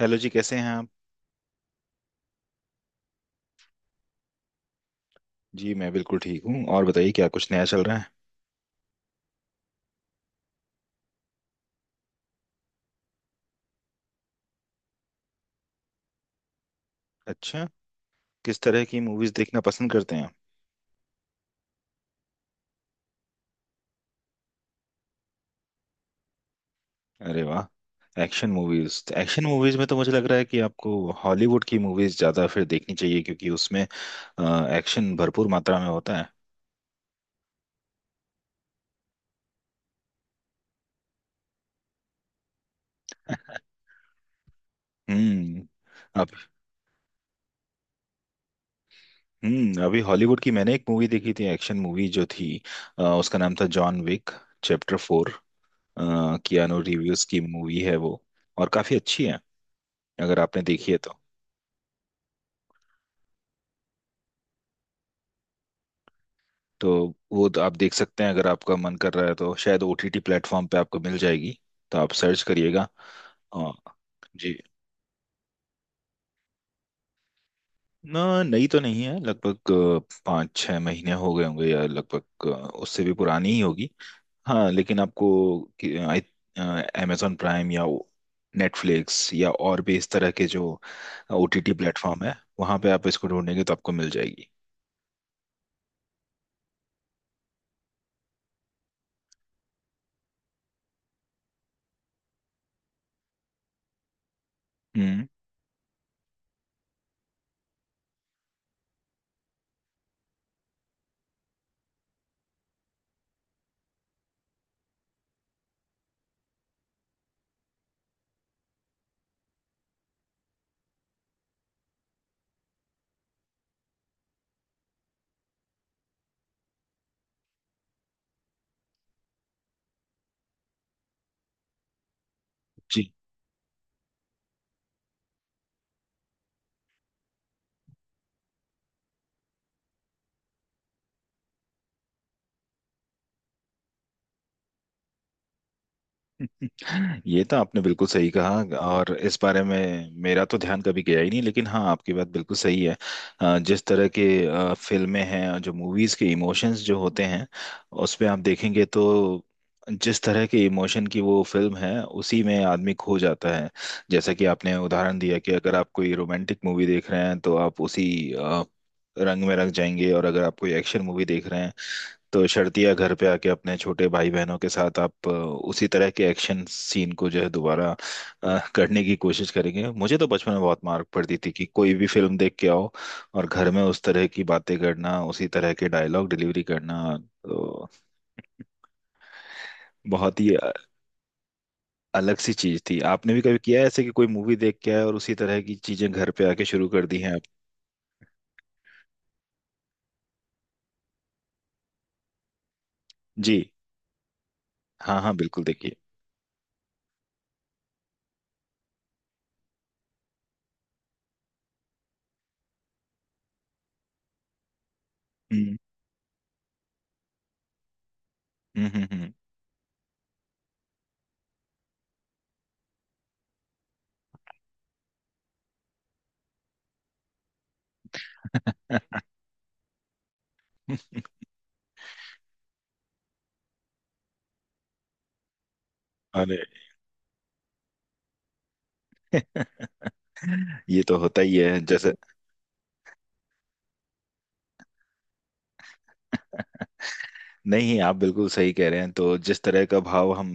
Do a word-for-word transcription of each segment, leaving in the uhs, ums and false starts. Hello जी, कैसे हैं आप? जी, मैं बिल्कुल ठीक हूँ। और बताइए, क्या कुछ नया चल रहा है। अच्छा। किस तरह की मूवीज देखना पसंद करते हैं आप? अरे वाह, एक्शन मूवीज! तो एक्शन मूवीज में तो मुझे लग रहा है कि आपको हॉलीवुड की मूवीज ज्यादा फिर देखनी चाहिए, क्योंकि उसमें एक्शन भरपूर मात्रा में होता है। हम्म। अब हम्म अभी हॉलीवुड की मैंने एक मूवी देखी थी, एक्शन मूवी जो थी अ, उसका नाम था John Wick chapter four. Keanu Reeves की मूवी है वो, और काफी अच्छी है अगर आपने देखी है तो। तो वो तो आप देख सकते हैं, अगर आपका मन कर रहा है तो शायद ओ टी टी प्लेटफॉर्म पे आपको मिल जाएगी। तो आप सर्च करिएगा। आ, जी। ना, नई तो नहीं है। लगभग अ, पाँच छः महीने हो गए होंगे, या लगभग अ, उससे भी पुरानी ही होगी। हाँ, लेकिन आपको अमेजोन प्राइम या नेटफ्लिक्स या और भी इस तरह के जो ओ टी टी प्लेटफॉर्म है, वहाँ पे आप इसको ढूंढेंगे तो आपको मिल जाएगी। हम्म। ये तो आपने बिल्कुल सही कहा। और इस बारे में मेरा तो ध्यान कभी गया ही नहीं, लेकिन हाँ, आपकी बात बिल्कुल सही है। अ, जिस तरह के अ, फिल्में हैं, और जो मूवीज के इमोशंस जो होते हैं उस पे आप देखेंगे, तो जिस तरह के इमोशन की वो फिल्म है उसी में आदमी खो जाता है। जैसा कि आपने उदाहरण दिया कि अगर आप कोई रोमांटिक मूवी देख रहे हैं तो आप उसी अ, रंग में रंग जाएंगे, और अगर आप कोई एक्शन मूवी देख रहे हैं तो शर्तिया घर पे आके अपने छोटे भाई बहनों के साथ आप अ, उसी तरह के एक्शन सीन को जो है, दोबारा अ, करने की कोशिश करेंगे। मुझे तो बचपन में बहुत मार पड़ती थी कि कोई भी फिल्म देख के आओ और घर में उस तरह की बातें करना, उसी तरह के डायलॉग डिलीवरी करना, तो बहुत ही अ- अलग सी चीज थी। आपने भी कभी किया है ऐसे कि कोई मूवी देख के आए और उसी तरह की चीजें घर पे आके शुरू कर दी हैं आप? जी। हाँ हाँ बिल्कुल, देखिए। हम्म हम्म हम्म हम्म। अरे! ये तो होता ही है जैसे। नहीं, आप बिल्कुल सही कह रहे हैं। तो जिस तरह का भाव हम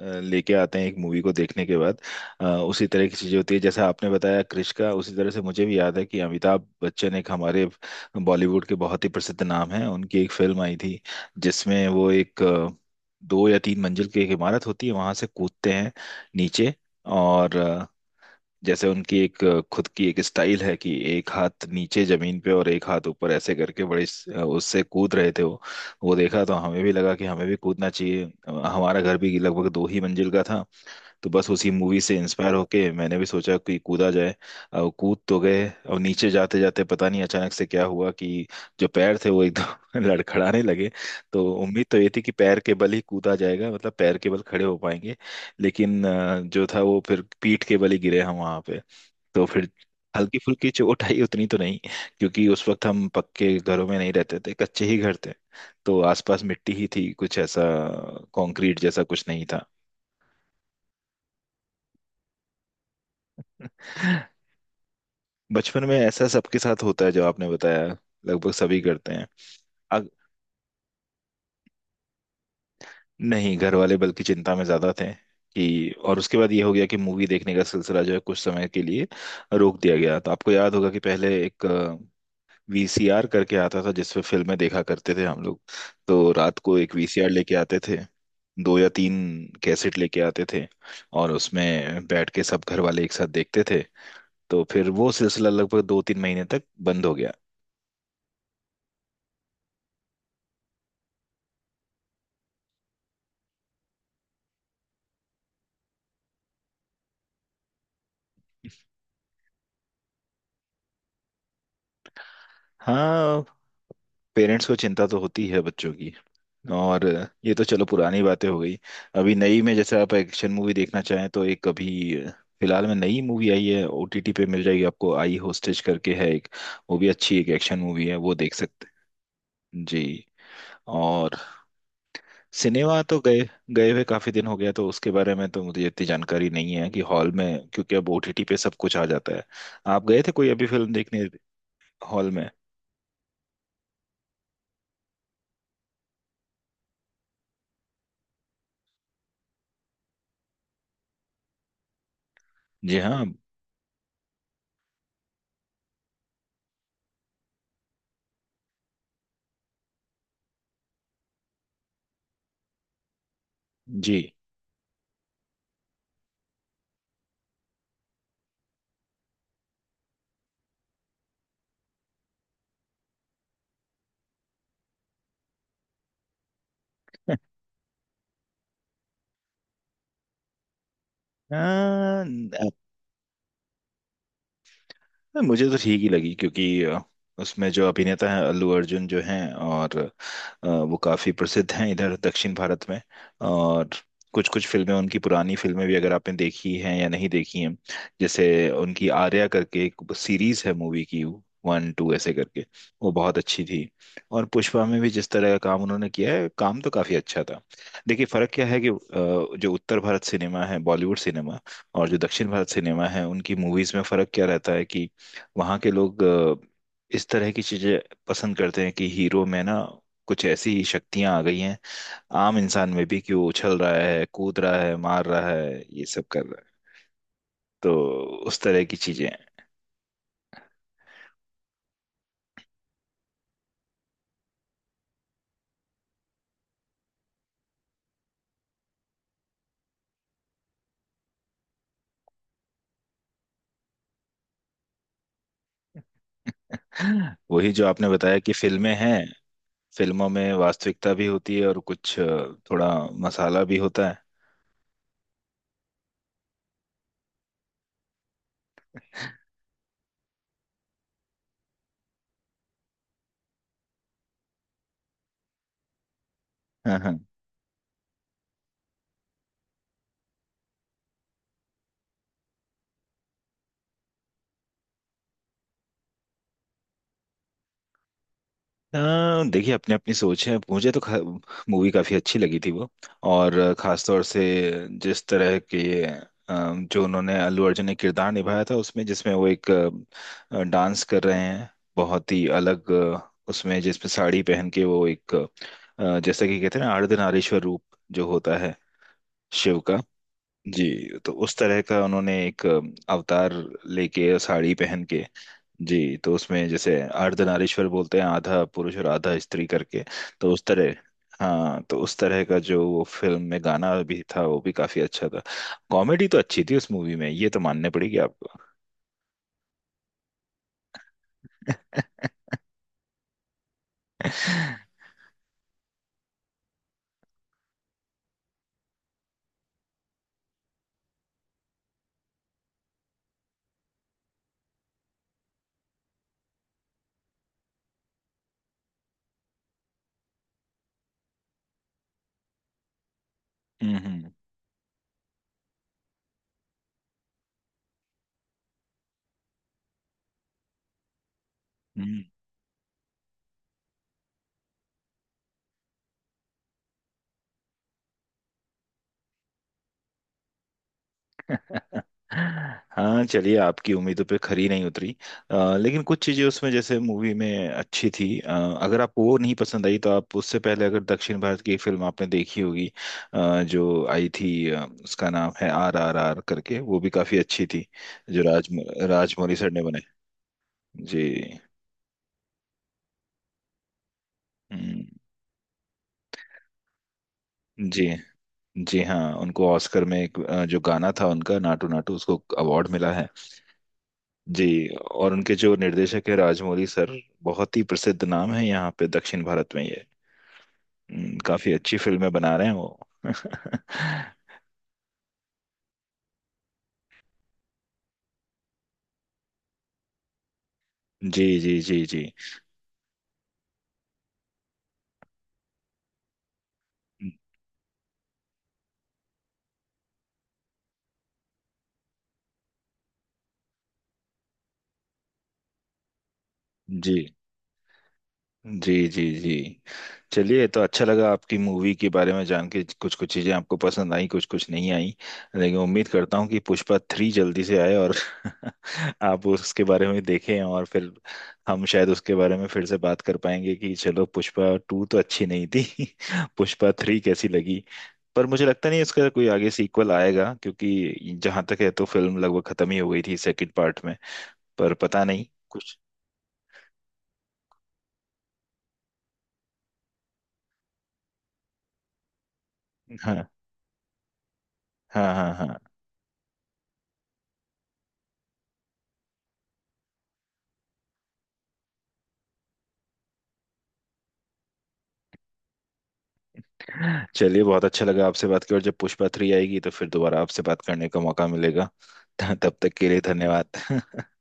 अ, लेके आते हैं एक मूवी को देखने के बाद, अ, उसी तरह की चीजें होती है, जैसा आपने बताया क्रिश का। उसी तरह से मुझे भी याद है कि अमिताभ बच्चन, एक हमारे बॉलीवुड के बहुत ही प्रसिद्ध नाम हैं, उनकी एक फिल्म आई थी जिसमें वो एक अ, दो या तीन मंजिल की एक इमारत होती है, वहां से कूदते हैं नीचे। और जैसे उनकी एक अ, खुद की एक स्टाइल है कि एक हाथ नीचे जमीन पे और एक हाथ ऊपर ऐसे करके बड़े स- अ, उससे कूद रहे थे वो। वो देखा तो हमें भी लगा कि हमें भी कूदना चाहिए। अ, हमारा घर भी लगभग दो ही मंजिल का था। तो बस उसी मूवी से इंस्पायर होके मैंने भी सोचा कि कूदा जाए। अब कूद तो गए, अब नीचे जाते जाते पता नहीं अचानक से क्या हुआ कि जो पैर थे वो एकदम लड़खड़ाने लगे। तो उम्मीद तो ये थी कि पैर के बल ही कूदा जाएगा, मतलब पैर के बल खड़े हो पाएंगे। लेकिन अ, जो था, वो फिर पीठ के बल ही गिरे हम वहां पे। तो फिर हल्की फुल्की चोट आई, उतनी तो नहीं, क्योंकि उस वक्त हम पक्के घरों में नहीं रहते थे, कच्चे ही घर थे। तो आसपास मिट्टी ही थी, कुछ ऐसा कंक्रीट जैसा कुछ नहीं था। बचपन में ऐसा सबके साथ होता है, जो आपने बताया, लगभग सभी करते हैं। अग, नहीं, घर वाले बल्कि चिंता में ज्यादा थे। कि और उसके बाद ये हो गया कि मूवी देखने का सिलसिला जो है, कुछ समय के लिए रोक दिया गया। तो आपको याद होगा कि पहले एक वी सी आर करके आता था, जिसपे फिल्में देखा करते थे हम लोग। तो रात को एक वी सी आर लेके आते थे, दो या तीन कैसेट लेके आते थे, और उसमें बैठ के सब घर वाले एक साथ देखते थे। तो फिर वो सिलसिला लगभग दो तीन महीने तक बंद हो गया। हाँ, पेरेंट्स को चिंता तो होती है बच्चों की। और ये तो चलो, पुरानी बातें हो गई। अभी नई में जैसे आप एक्शन मूवी देखना चाहें तो एक अभी फिलहाल में नई मूवी आई है ओ टी टी पे, मिल जाएगी आपको, आई होस्टेज करके है एक। वो भी अच्छी एक एक्शन मूवी है, वो देख सकते हैं जी। और सिनेमा तो गए, गए हुए काफी दिन हो गया, तो उसके बारे में तो मुझे इतनी जानकारी नहीं है कि हॉल में, क्योंकि अब ओ टी टी पे सब कुछ आ जाता है। आप गए थे कोई अभी फिल्म देखने हॉल में? जी हाँ, जी। हाँ, हाँ, मुझे तो ठीक ही लगी, क्योंकि अ, उसमें जो अभिनेता हैं अल्लू अर्जुन जो हैं, और अ, वो काफी प्रसिद्ध हैं इधर दक्षिण भारत में। और कुछ कुछ फिल्में, उनकी पुरानी फिल्में भी, अगर आपने देखी हैं या नहीं देखी हैं। जैसे उनकी आर्या करके एक सीरीज है मूवी की, वन टू ऐसे करके, वो बहुत अच्छी थी। और पुष्पा में भी जिस तरह का काम उन्होंने किया है, काम तो काफी अच्छा था। देखिए, फर्क क्या है कि अ, जो उत्तर भारत सिनेमा है, बॉलीवुड सिनेमा, और जो दक्षिण भारत सिनेमा है, उनकी मूवीज में फर्क क्या रहता है कि वहाँ के लोग अ, इस तरह की चीजें पसंद करते हैं कि हीरो में ना कुछ ऐसी शक्तियां आ गई हैं, आम इंसान में भी, कि वो उछल रहा है, कूद रहा है, मार रहा है, ये सब कर रहा है। तो उस तरह की चीजें हैं, वही जो आपने बताया कि फिल्में हैं, फिल्मों में वास्तविकता भी होती है और कुछ अ, थोड़ा मसाला भी होता है। अ, देखिए, अपनी अपनी सोच है, मुझे तो मूवी काफ़ी अच्छी लगी थी वो। और अ, खास तौर से, जिस तरह के अ, जो उन्होंने अल्लू अर्जुन ने किरदार निभाया था उसमें, जिसमें वो एक अ, डांस कर रहे हैं, बहुत ही अलग अ, उसमें जिसमें साड़ी पहन के वो एक अ, जैसा कि कहते हैं ना, अर्धनारीश्वर रूप, जो होता है शिव का। जी, तो उस तरह का उन्होंने एक अ, अवतार लेके और साड़ी पहन के। जी, तो उसमें जैसे अर्धनारीश्वर बोलते हैं, आधा पुरुष और आधा स्त्री करके, तो उस तरह। हाँ, तो उस तरह का जो वो फिल्म में गाना भी था, वो भी काफी अच्छा था। कॉमेडी तो अच्छी थी उस मूवी में, ये तो मानने पड़ेगी आपको। हम्म हम्म। हाँ चलिए, आपकी उम्मीदों पे खरी नहीं उतरी। अ, लेकिन कुछ चीजें उसमें जैसे मूवी में अच्छी थी। अ, अगर आपको वो नहीं पसंद आई तो आप उससे पहले अगर दक्षिण भारत की एक फिल्म आपने देखी होगी, अ, जो आई थी, अ, उसका नाम है आर आर आर करके, वो भी काफी अच्छी थी। जो राज राजमौली सर ने बनाई। जी। हम्म। जी जी हाँ, उनको ऑस्कर में एक अ, जो गाना था उनका नाटू नाटू, उसको अवार्ड मिला है। जी। और उनके जो निर्देशक है राजमौली सर, बहुत ही प्रसिद्ध नाम है यहाँ पे दक्षिण भारत में ये। हम्म, काफी अच्छी फिल्में बना रहे हैं वो। जी जी जी जी जी जी जी जी। चलिए, तो अच्छा लगा आपकी मूवी के बारे में जान के, कुछ कुछ चीजें आपको पसंद आई, कुछ कुछ नहीं आई। लेकिन उम्मीद करता हूँ कि पुष्पा थ्री जल्दी से आए, और आप उसके बारे में देखें, और फिर हम शायद उसके बारे में फिर से बात कर पाएंगे कि चलो, पुष्पा टू तो अच्छी नहीं थी, पुष्पा थ्री कैसी लगी। पर मुझे लगता नहीं इसका कोई आगे सीक्वल आएगा, क्योंकि जहां तक है तो फिल्म लगभग खत्म ही हो गई थी सेकंड पार्ट में। पर पता नहीं कुछ। हाँ हाँ हाँ हाँ। चलिए, बहुत अच्छा लगा आपसे बात कर। और जब पुष्पा थ्री आएगी तो फिर दोबारा आपसे बात करने का मौका मिलेगा। तब तक के लिए धन्यवाद।